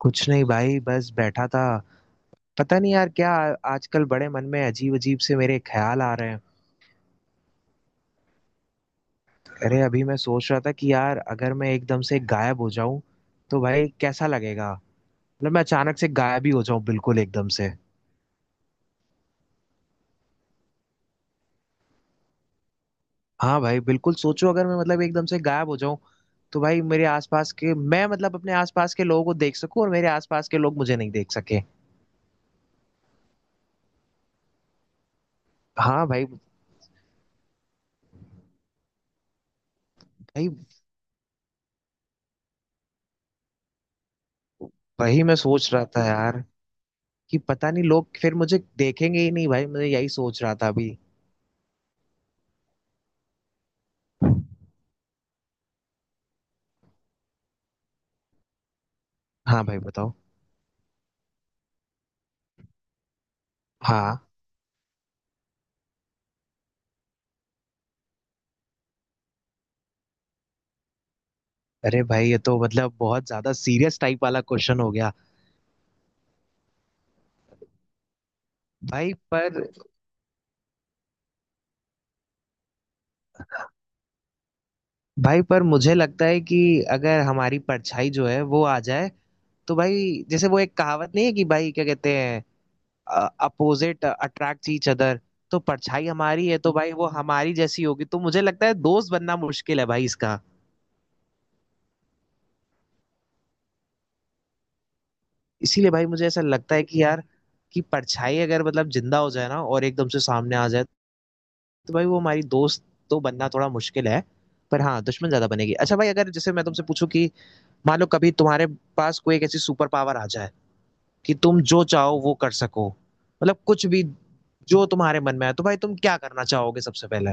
कुछ नहीं भाई, बस बैठा था। पता नहीं यार क्या आजकल बड़े मन में अजीब-अजीब से मेरे ख्याल आ रहे हैं। अरे अभी मैं सोच रहा था कि यार अगर मैं एकदम से गायब हो जाऊं तो भाई कैसा लगेगा? मतलब मैं अचानक से गायब ही हो जाऊं बिल्कुल एकदम से। हाँ भाई बिल्कुल सोचो अगर मैं मतलब एकदम से गायब हो जाऊं तो भाई मेरे आसपास के मैं मतलब अपने आसपास के लोगों को देख सकूं और मेरे आसपास के लोग मुझे नहीं देख सके। हाँ भाई। भाई वही मैं सोच रहा था यार कि पता नहीं लोग फिर मुझे देखेंगे ही नहीं भाई मैं यही सोच रहा था अभी। हाँ भाई बताओ। हाँ, अरे भाई ये तो मतलब बहुत ज्यादा सीरियस टाइप वाला क्वेश्चन हो गया। भाई पर, भाई पर मुझे लगता है कि अगर हमारी परछाई जो है वो आ जाए तो भाई जैसे वो एक कहावत नहीं है कि भाई क्या कहते हैं, अपोजिट अट्रैक्ट ईच अदर। तो परछाई हमारी है तो भाई वो हमारी जैसी होगी तो मुझे लगता है दोस्त बनना मुश्किल है भाई इसका। इसीलिए भाई मुझे ऐसा लगता है कि यार कि परछाई अगर मतलब जिंदा हो जाए ना और एकदम से सामने आ जाए तो भाई वो हमारी दोस्त तो बनना थोड़ा मुश्किल है। पर हाँ दुश्मन ज्यादा बनेगी। अच्छा भाई अगर जैसे मैं तुमसे पूछूं कि मान लो कभी तुम्हारे पास कोई एक ऐसी सुपर पावर आ जाए कि तुम जो चाहो वो कर सको मतलब कुछ भी जो तुम्हारे मन में आए तो भाई तुम क्या करना चाहोगे सबसे पहले।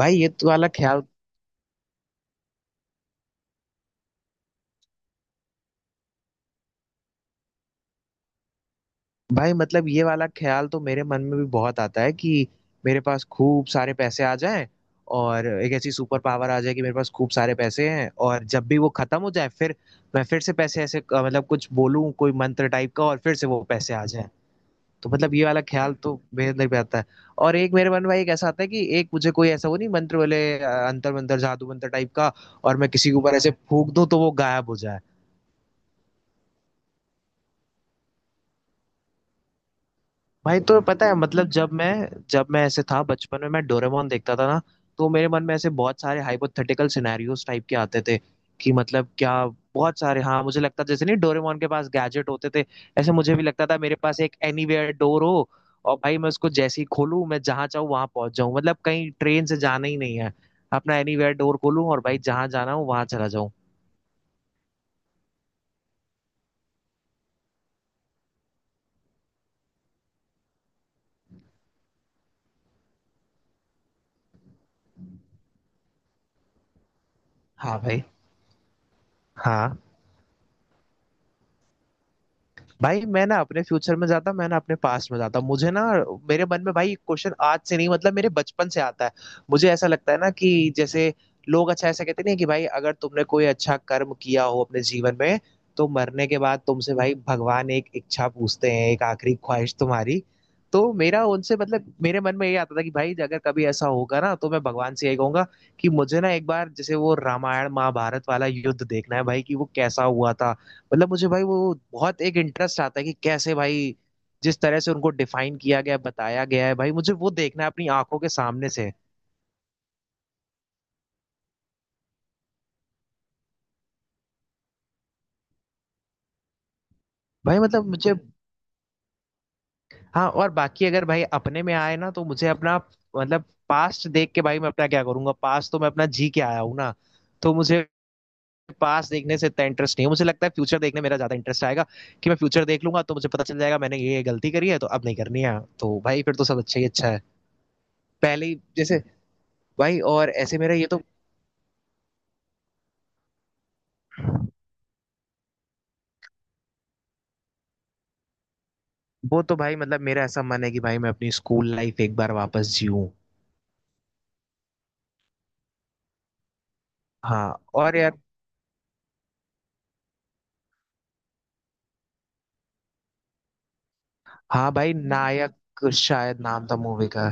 भाई ये तो वाला ख्याल। भाई मतलब ये वाला ख्याल तो मेरे मन में भी बहुत आता है कि मेरे पास खूब सारे पैसे आ जाएं और एक ऐसी सुपर पावर आ जाए कि मेरे पास खूब सारे पैसे हैं और जब भी वो खत्म हो जाए फिर मैं फिर से पैसे ऐसे मतलब कुछ बोलूं कोई मंत्र टाइप का और फिर से वो पैसे आ जाएं। तो मतलब ये वाला ख्याल तो मेरे अंदर भी आता है। और एक मेरे मन में भाई एक ऐसा आता है कि एक मुझे कोई ऐसा वो नहीं मंत्र वाले अंतर मंत्र जादू मंत्र टाइप का और मैं किसी के ऊपर ऐसे फूंक दूं तो वो गायब हो जाए। भाई तो पता है मतलब जब मैं ऐसे था बचपन में मैं डोरेमोन देखता था ना तो मेरे मन में ऐसे बहुत सारे हाइपोथेटिकल सिनेरियोस टाइप के आते थे कि मतलब क्या, बहुत सारे। हाँ मुझे लगता जैसे नहीं डोरेमोन के पास गैजेट होते थे ऐसे मुझे भी लगता था मेरे पास एक एनीवेयर डोर हो और भाई मैं उसको जैसे ही खोलूं मैं जहां चाहूँ वहां पहुंच जाऊं मतलब कहीं ट्रेन से जाना ही नहीं है अपना एनीवेयर डोर खोलूं और भाई जहां जाना हो वहां चला जाऊं। हाँ भाई। हाँ भाई मैं ना अपने फ्यूचर में जाता मैं ना अपने पास्ट में जाता मुझे ना मेरे मन में भाई क्वेश्चन आज से नहीं मतलब मेरे बचपन से आता है। मुझे ऐसा लगता है ना कि जैसे लोग अच्छा ऐसा कहते नहीं है कि भाई अगर तुमने कोई अच्छा कर्म किया हो अपने जीवन में तो मरने के बाद तुमसे भाई भगवान एक इच्छा पूछते हैं, एक आखिरी ख्वाहिश तुम्हारी। तो मेरा उनसे मतलब मेरे मन में ये आता था कि भाई अगर कभी ऐसा होगा ना तो मैं भगवान से यही कहूंगा कि मुझे ना एक बार जैसे वो रामायण महाभारत वाला युद्ध देखना है भाई कि वो कैसा हुआ था। मतलब मुझे भाई वो बहुत एक इंटरेस्ट आता है कि कैसे भाई, जिस तरह से उनको डिफाइन किया गया है, बताया गया है भाई मुझे वो देखना है अपनी आंखों के सामने से। भाई मतलब मुझे, हाँ और बाकी अगर भाई अपने में आए ना तो मुझे अपना, मतलब पास्ट देख के भाई मैं अपना क्या करूंगा, पास्ट तो मैं अपना जी के आया हूँ ना। तो मुझे पास्ट देखने से इतना इंटरेस्ट नहीं है मुझे लगता है फ्यूचर देखने मेरा ज्यादा इंटरेस्ट आएगा कि मैं फ्यूचर देख लूंगा तो मुझे पता चल जाएगा मैंने ये गलती करी है तो अब नहीं करनी है तो भाई फिर तो सब अच्छा ही अच्छा है, पहले ही जैसे। भाई और ऐसे मेरा ये तो, वो तो भाई मतलब मेरा ऐसा मन है कि भाई मैं अपनी स्कूल लाइफ एक बार वापस जीऊं। हाँ और यार, हाँ भाई नायक शायद नाम था मूवी का।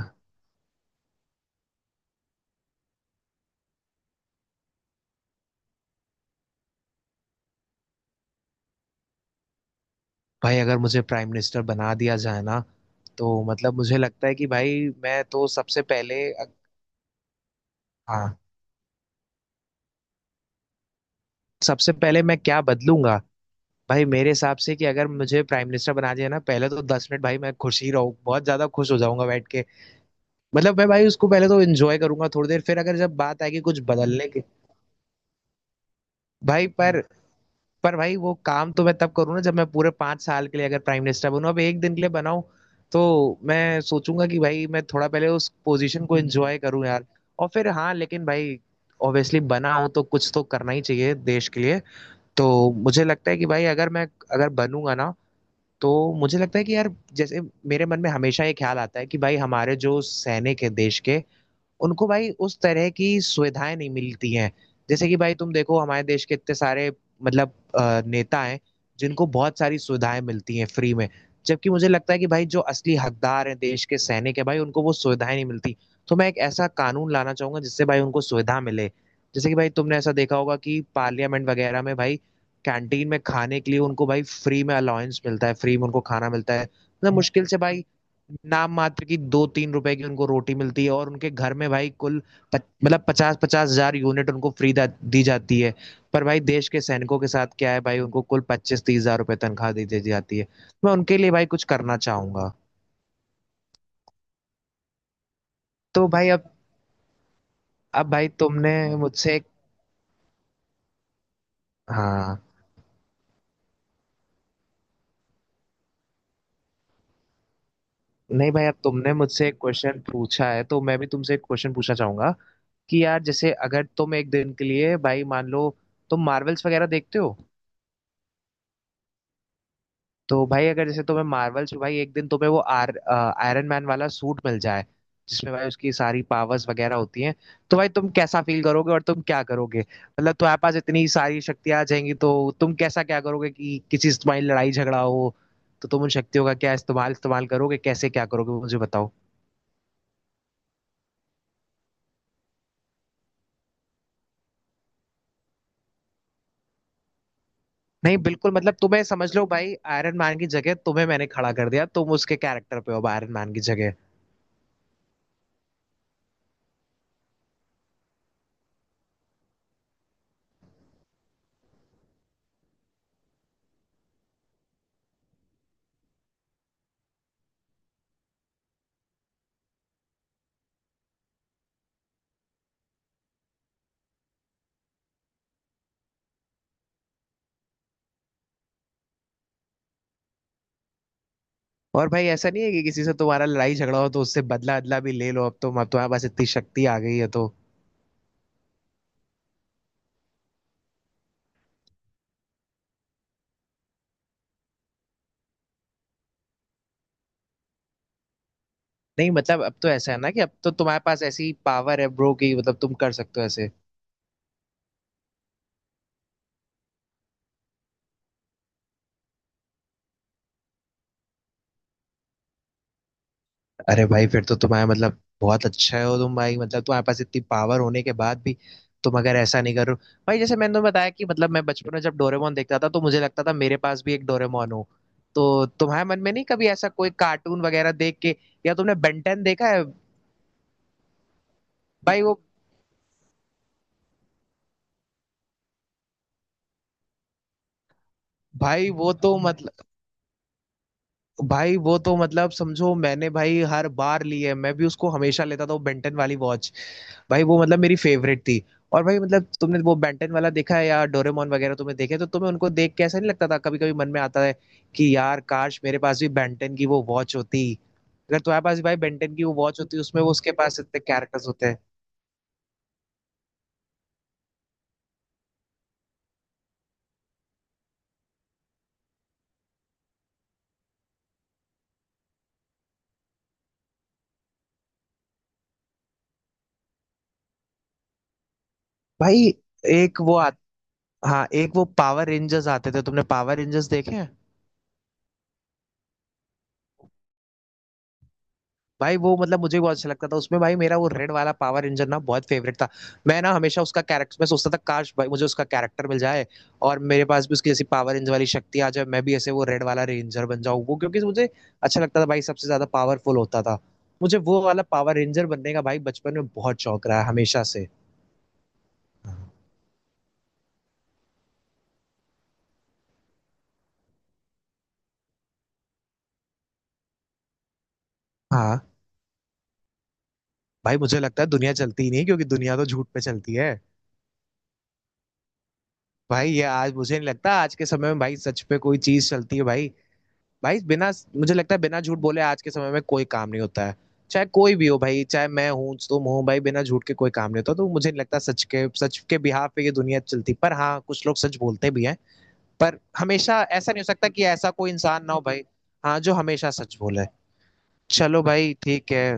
भाई अगर मुझे प्राइम मिनिस्टर बना दिया जाए ना तो मतलब मुझे लगता है कि भाई मैं तो सबसे पहले, हाँ सबसे पहले मैं क्या बदलूंगा। भाई मेरे हिसाब से कि अगर मुझे प्राइम मिनिस्टर बना दिया ना पहले तो 10 मिनट भाई मैं खुश ही रहूँ, बहुत ज्यादा खुश हो जाऊंगा बैठ के। मतलब मैं भाई उसको पहले तो एंजॉय करूंगा थोड़ी देर, फिर अगर जब बात आएगी कुछ बदलने की। भाई पर भाई वो काम तो मैं तब करूँ ना जब मैं पूरे 5 साल के लिए अगर प्राइम मिनिस्टर बनूं, अब एक दिन के लिए बनाऊं तो मैं सोचूंगा कि भाई मैं थोड़ा पहले उस पोजीशन को एंजॉय करूं यार। और फिर हाँ लेकिन भाई ऑब्वियसली बना हूं तो कुछ तो करना ही चाहिए देश के लिए। तो मुझे लगता है कि भाई अगर मैं, अगर बनूंगा ना तो मुझे लगता है कि यार, जैसे मेरे मन में हमेशा ये ख्याल आता है कि भाई हमारे जो सैनिक है देश के उनको भाई उस तरह की सुविधाएं नहीं मिलती हैं। जैसे कि भाई तुम देखो हमारे देश के इतने सारे मतलब नेता हैं जिनको बहुत सारी सुविधाएं मिलती हैं फ्री में, जबकि मुझे लगता है कि भाई जो असली हकदार हैं देश के सैनिक हैं भाई उनको वो सुविधाएं नहीं मिलती। तो मैं एक ऐसा कानून लाना चाहूंगा जिससे भाई उनको सुविधा मिले। जैसे कि भाई तुमने ऐसा देखा होगा कि पार्लियामेंट वगैरह में भाई कैंटीन में खाने के लिए उनको भाई फ्री में अलाउंस मिलता है, फ्री में उनको खाना मिलता है मतलब मुश्किल से भाई नाम मात्र की 2-3 रुपए की उनको रोटी मिलती है और उनके घर में भाई कुल मतलब 50-50 हज़ार यूनिट उनको फ्री दी जाती है। पर भाई देश के सैनिकों के साथ क्या है भाई उनको कुल 25-30 हज़ार रुपए तनख्वाह दी दी जाती है। मैं उनके लिए भाई कुछ करना चाहूंगा। तो भाई अब भाई तुमने मुझसे एक, हाँ नहीं भाई अब तुमने मुझसे एक क्वेश्चन पूछा है तो मैं भी तुमसे एक क्वेश्चन पूछना चाहूंगा कि यार जैसे अगर तुम एक दिन के लिए भाई मान लो तुम मार्वल्स वगैरह देखते हो तो भाई अगर जैसे तुम्हें मार्वल्स में भाई एक दिन तुम्हें वो आर आयरन मैन वाला सूट मिल जाए जिसमें भाई उसकी सारी पावर्स वगैरह होती हैं तो भाई तुम कैसा फील करोगे और तुम क्या करोगे, मतलब तुम्हारे पास इतनी सारी शक्तियां आ जाएंगी तो तुम कैसा क्या करोगे कि किसी से तुम्हारी लड़ाई झगड़ा हो तो तुम उन शक्तियों का क्या इस्तेमाल इस्तेमाल करोगे, कैसे क्या करोगे वो मुझे बताओ। नहीं बिल्कुल मतलब तुम्हें समझ लो भाई आयरन मैन की जगह तुम्हें मैंने खड़ा कर दिया, तुम उसके कैरेक्टर पे हो आयरन मैन की जगह। और भाई ऐसा नहीं है कि किसी से तुम्हारा लड़ाई झगड़ा हो तो उससे बदला अदला भी ले लो, अब तो मतलब तुम्हारे पास इतनी शक्ति आ गई है तो। नहीं मतलब अब तो ऐसा है ना कि अब तो तुम्हारे पास ऐसी पावर है ब्रो कि मतलब तुम कर सकते हो ऐसे। अरे भाई फिर तो तुम्हारे मतलब बहुत अच्छा हो तुम भाई, मतलब तुम्हारे पास इतनी पावर होने के बाद भी तुम अगर ऐसा नहीं करो। भाई जैसे मैंने तुम्हें बताया कि मतलब मैं बचपन में जब डोरेमोन देखता था तो मुझे लगता था मेरे पास भी एक डोरेमोन हो, तो तुम्हारे मन में नहीं कभी ऐसा कोई कार्टून वगैरह देख के, या तुमने बेंटेन देखा है? भाई वो, भाई वो तो मतलब, भाई वो तो मतलब समझो मैंने भाई हर बार ली है, मैं भी उसको हमेशा लेता था वो बेंटन वाली वॉच। भाई वो मतलब मेरी फेवरेट थी। और भाई मतलब तुमने वो बेंटन वाला देखा है या डोरेमोन वगैरह तुमने देखे तो तुम्हें उनको देख के ऐसा नहीं लगता था कभी कभी मन में आता है कि यार काश मेरे पास भी बेंटन की वो वॉच होती। अगर तुम्हारे पास भी भाई बेंटन की वो वॉच होती उसमें वो उसके पास इतने कैरेक्टर्स होते हैं। भाई एक वो हाँ एक वो पावर रेंजर्स आते थे, तुमने पावर रेंजर्स देखे हैं? भाई वो मतलब मुझे बहुत अच्छा लगता था, उसमें भाई मेरा वो रेड वाला पावर रेंजर ना बहुत फेवरेट था। मैं ना हमेशा उसका कैरेक्टर मैं सोचता था काश भाई मुझे उसका कैरेक्टर मिल जाए और मेरे पास भी उसकी जैसी पावर रेंजर वाली शक्ति आ जाए, मैं भी ऐसे वो रेड वाला रेंजर बन जाऊं, वो क्योंकि मुझे अच्छा लगता था भाई, सबसे ज्यादा पावरफुल होता था। मुझे वो वाला पावर रेंजर बनने का भाई बचपन में बहुत शौक रहा है हमेशा से। हाँ भाई मुझे लगता है दुनिया चलती ही नहीं क्योंकि दुनिया तो झूठ पे चलती है। भाई ये आज मुझे नहीं लगता आज के समय में भाई सच पे कोई चीज चलती है भाई। भाई बिना, मुझे लगता है बिना झूठ बोले आज के समय में कोई काम नहीं होता है, चाहे कोई भी हो भाई चाहे मैं हूँ तुम हो भाई बिना झूठ के कोई काम नहीं होता तो मुझे नहीं लगता सच के बिहाफ पे ये दुनिया चलती, पर हाँ कुछ लोग सच बोलते भी हैं। पर हमेशा ऐसा नहीं हो सकता कि ऐसा कोई इंसान ना हो भाई। हाँ जो हमेशा सच बोले। चलो भाई ठीक है।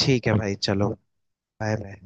ठीक है भाई चलो। Bye bye.